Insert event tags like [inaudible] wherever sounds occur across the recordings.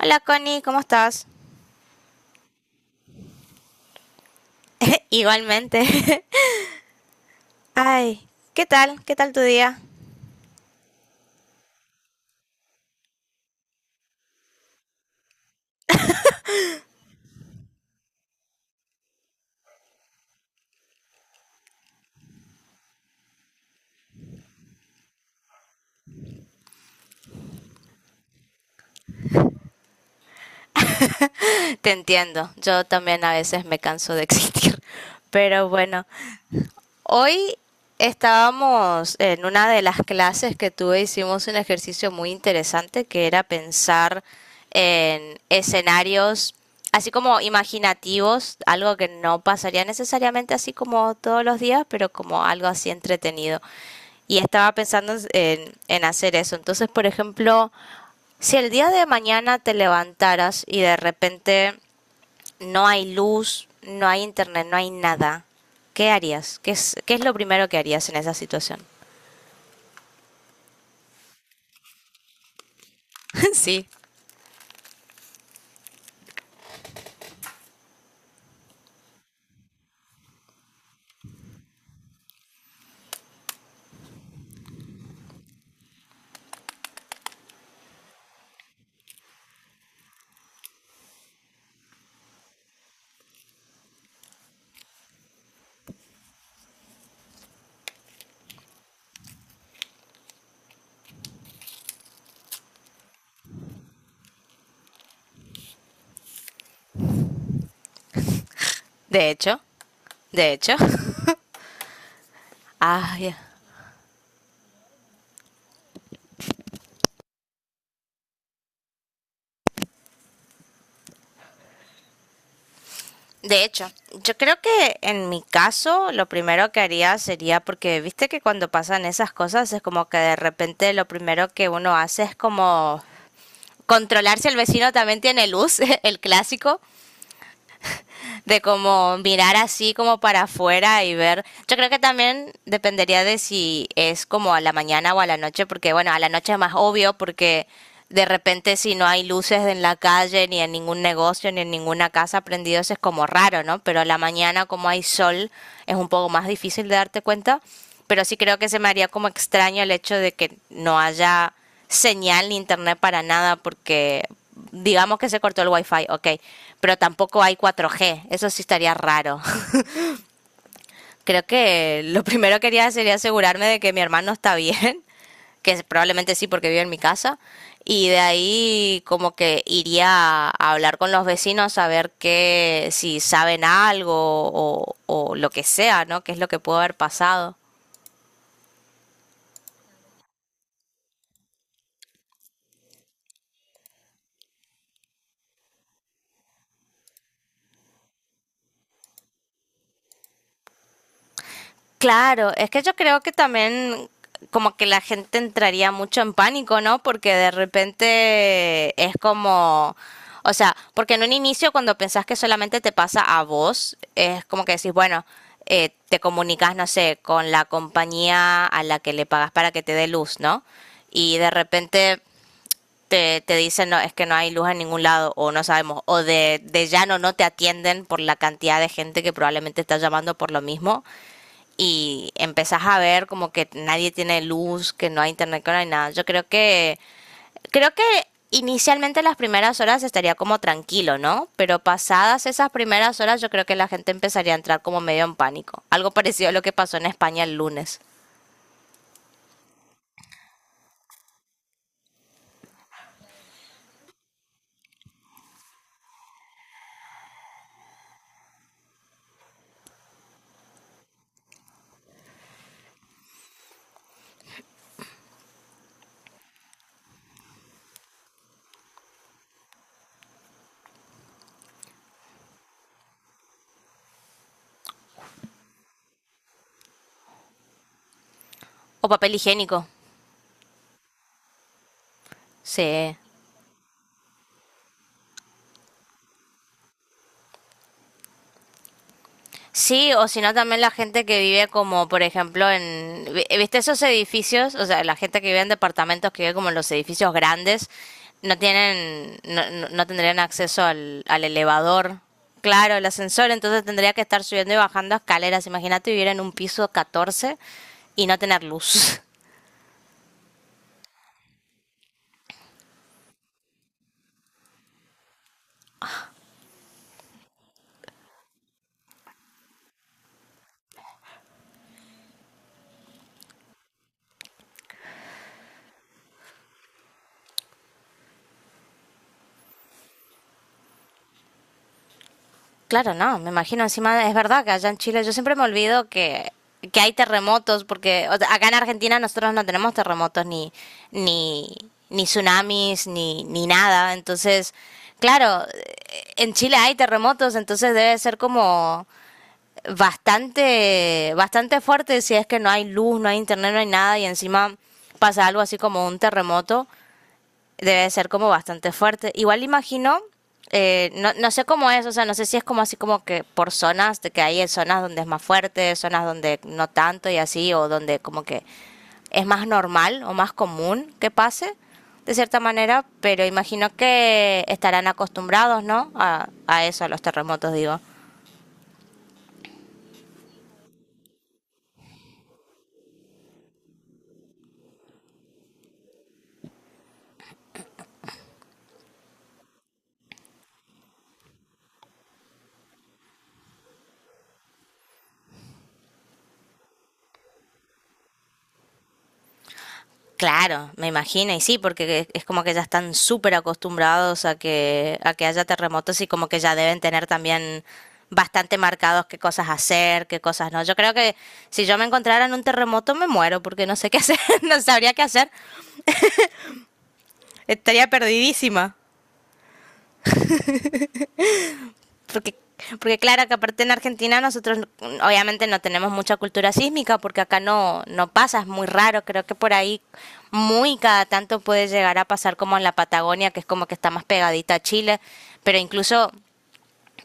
Hola Connie, ¿cómo estás? [laughs] Igualmente. [laughs] Ay, ¿qué tal? ¿Qué tal tu día? Te entiendo, yo también a veces me canso de existir. [laughs] Pero bueno, hoy estábamos en una de las clases que tuve, hicimos un ejercicio muy interesante que era pensar en escenarios así como imaginativos, algo que no pasaría necesariamente así como todos los días, pero como algo así entretenido. Y estaba pensando en hacer eso. Entonces, por ejemplo, si el día de mañana te levantaras y de repente no hay luz, no hay internet, no hay nada, ¿qué harías? ¿Qué es lo primero que harías en esa situación? [laughs] Sí, de hecho, de hecho. [laughs] Ah, ay, de hecho, yo creo que en mi caso lo primero que haría sería porque viste que cuando pasan esas cosas es como que de repente lo primero que uno hace es como controlar si el vecino también tiene luz, [laughs] el clásico. De como mirar así como para afuera y ver. Yo creo que también dependería de si es como a la mañana o a la noche, porque bueno, a la noche es más obvio porque de repente si no hay luces en la calle, ni en ningún negocio, ni en ninguna casa prendidos, es como raro, ¿no? Pero a la mañana como hay sol es un poco más difícil de darte cuenta, pero sí creo que se me haría como extraño el hecho de que no haya señal ni internet para nada porque digamos que se cortó el wifi, ok, pero tampoco hay 4G, eso sí estaría raro. [laughs] Creo que lo primero que quería sería asegurarme de que mi hermano está bien, [laughs] que probablemente sí porque vive en mi casa, y de ahí como que iría a hablar con los vecinos a ver que si saben algo o lo que sea, ¿no? ¿Qué es lo que pudo haber pasado? Claro, es que yo creo que también como que la gente entraría mucho en pánico, ¿no? Porque de repente es como, o sea, porque en un inicio cuando pensás que solamente te pasa a vos, es como que decís, bueno, te comunicas, no sé, con la compañía a la que le pagas para que te dé luz, ¿no? Y de repente te dicen, no, es que no hay luz en ningún lado, o no sabemos, o de llano no te atienden por la cantidad de gente que probablemente está llamando por lo mismo y empezás a ver como que nadie tiene luz, que no hay internet, que no hay nada. Creo que inicialmente las primeras horas estaría como tranquilo, ¿no? Pero pasadas esas primeras horas yo creo que la gente empezaría a entrar como medio en pánico. Algo parecido a lo que pasó en España el lunes. O papel higiénico. Sí. Sí, o si no también la gente que vive como, por ejemplo, en, viste esos edificios, o sea, la gente que vive en departamentos que vive como en los edificios grandes, no tienen, no, no- no tendrían acceso al elevador, claro, el ascensor, entonces tendría que estar subiendo y bajando escaleras. Imagínate vivir en un piso 14 y no tener luz. [laughs] Claro, no, me imagino encima, es verdad que allá en Chile yo siempre me olvido que hay terremotos, porque o sea, acá en Argentina nosotros no tenemos terremotos ni, ni tsunamis, ni nada, entonces, claro, en Chile hay terremotos, entonces debe ser como bastante fuerte si es que no hay luz, no hay internet, no hay nada y encima pasa algo así como un terremoto debe ser como bastante fuerte. Igual imagino, no sé cómo es, o sea, no sé si es como así como que por zonas, de que hay zonas donde es más fuerte, zonas donde no tanto y así, o donde como que es más normal o más común que pase, de cierta manera, pero imagino que estarán acostumbrados, ¿no? A eso, a los terremotos, digo. Claro, me imagino, y sí, porque es como que ya están súper acostumbrados a que haya terremotos y como que ya deben tener también bastante marcados qué cosas hacer, qué cosas no. Yo creo que si yo me encontrara en un terremoto me muero porque no sé qué hacer, [laughs] no sabría qué hacer, estaría perdidísima. porque Porque claro que aparte en Argentina nosotros obviamente no tenemos mucha cultura sísmica porque acá no pasa, es muy raro, creo que por ahí muy cada tanto puede llegar a pasar como en la Patagonia, que es como que está más pegadita a Chile, pero incluso,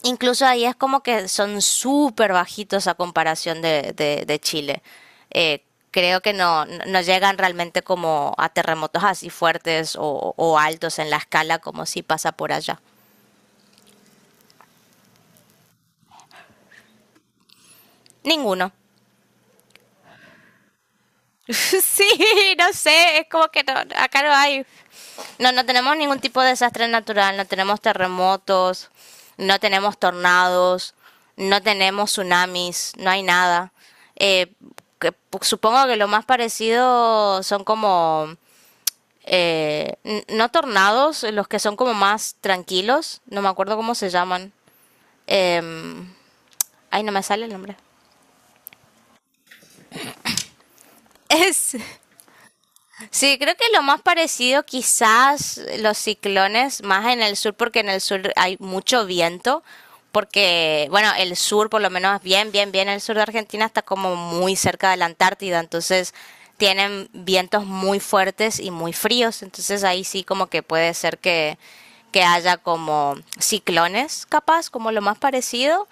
incluso ahí es como que son súper bajitos a comparación de Chile. Eh, creo que no llegan realmente como a terremotos así fuertes o altos en la escala como si pasa por allá. Ninguno. [laughs] Sí, no sé, es como que no, acá no hay. No tenemos ningún tipo de desastre natural, no tenemos terremotos, no tenemos tornados, no tenemos tsunamis, no hay nada. Eh, que- supongo que lo más parecido son como... no tornados, los que son como más tranquilos, no me acuerdo cómo se llaman. Em, ay, no me sale el nombre. [laughs] Es, sí, creo que lo más parecido quizás los ciclones, más en el sur, porque en el sur hay mucho viento, porque, bueno, el sur, por lo menos bien, el sur de Argentina está como muy cerca de la Antártida, entonces tienen vientos muy fuertes y muy fríos, entonces ahí sí como que puede ser que haya como ciclones, capaz, como lo más parecido,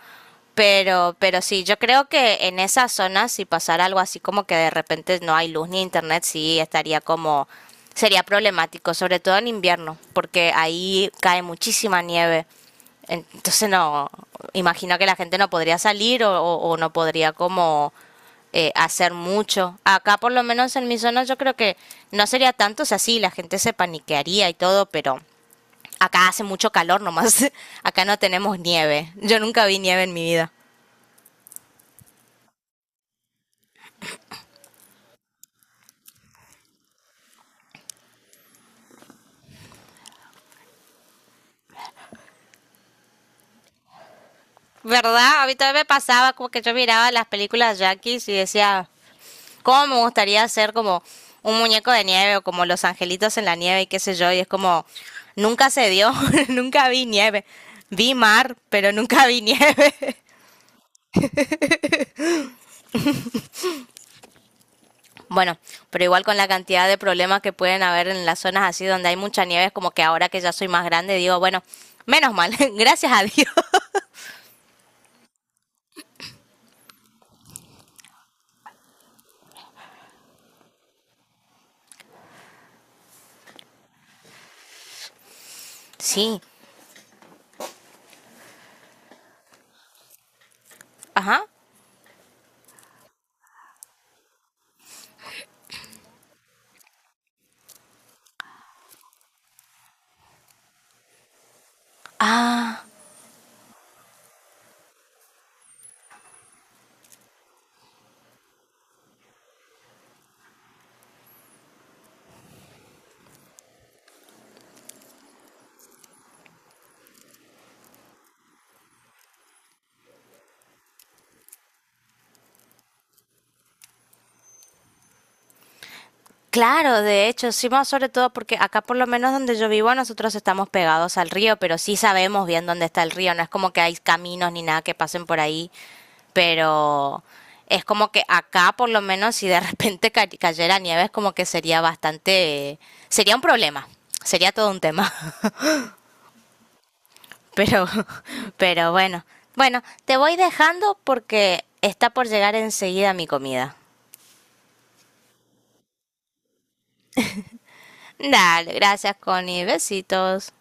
pero sí, yo creo que en esa zona, si pasara algo así como que de repente no hay luz ni internet, sí estaría como, sería problemático, sobre todo en invierno, porque ahí cae muchísima nieve. Entonces no, imagino que la gente no podría salir o no podría como hacer mucho. Acá por lo menos en mi zona yo creo que no sería tanto, o sea, sí, la gente se paniquearía y todo, pero acá hace mucho calor nomás, [laughs] acá no tenemos nieve, yo nunca vi nieve en mi vida. ¿Verdad? A mí también me pasaba como que yo miraba las películas yankees y decía, ¿cómo me gustaría ser como un muñeco de nieve o como los angelitos en la nieve y qué sé yo? Y es como, nunca se dio, [laughs] nunca vi nieve. Vi mar, pero nunca vi nieve. [laughs] Bueno, pero igual con la cantidad de problemas que pueden haber en las zonas así donde hay mucha nieve, es como que ahora que ya soy más grande digo, bueno, menos mal, [laughs] gracias a Dios. [laughs] Sí, ajá. Claro, de hecho, sí, más sobre todo porque acá por lo menos donde yo vivo nosotros estamos pegados al río, pero sí sabemos bien dónde está el río, no es como que hay caminos ni nada que pasen por ahí, pero es como que acá por lo menos si de [laughs] repente cayera nieve es como que sería bastante, sería un problema, sería todo un tema, [laughs] pero, pero bueno, bueno, te voy dejando porque está por llegar enseguida mi comida. Dale, gracias Connie, besitos.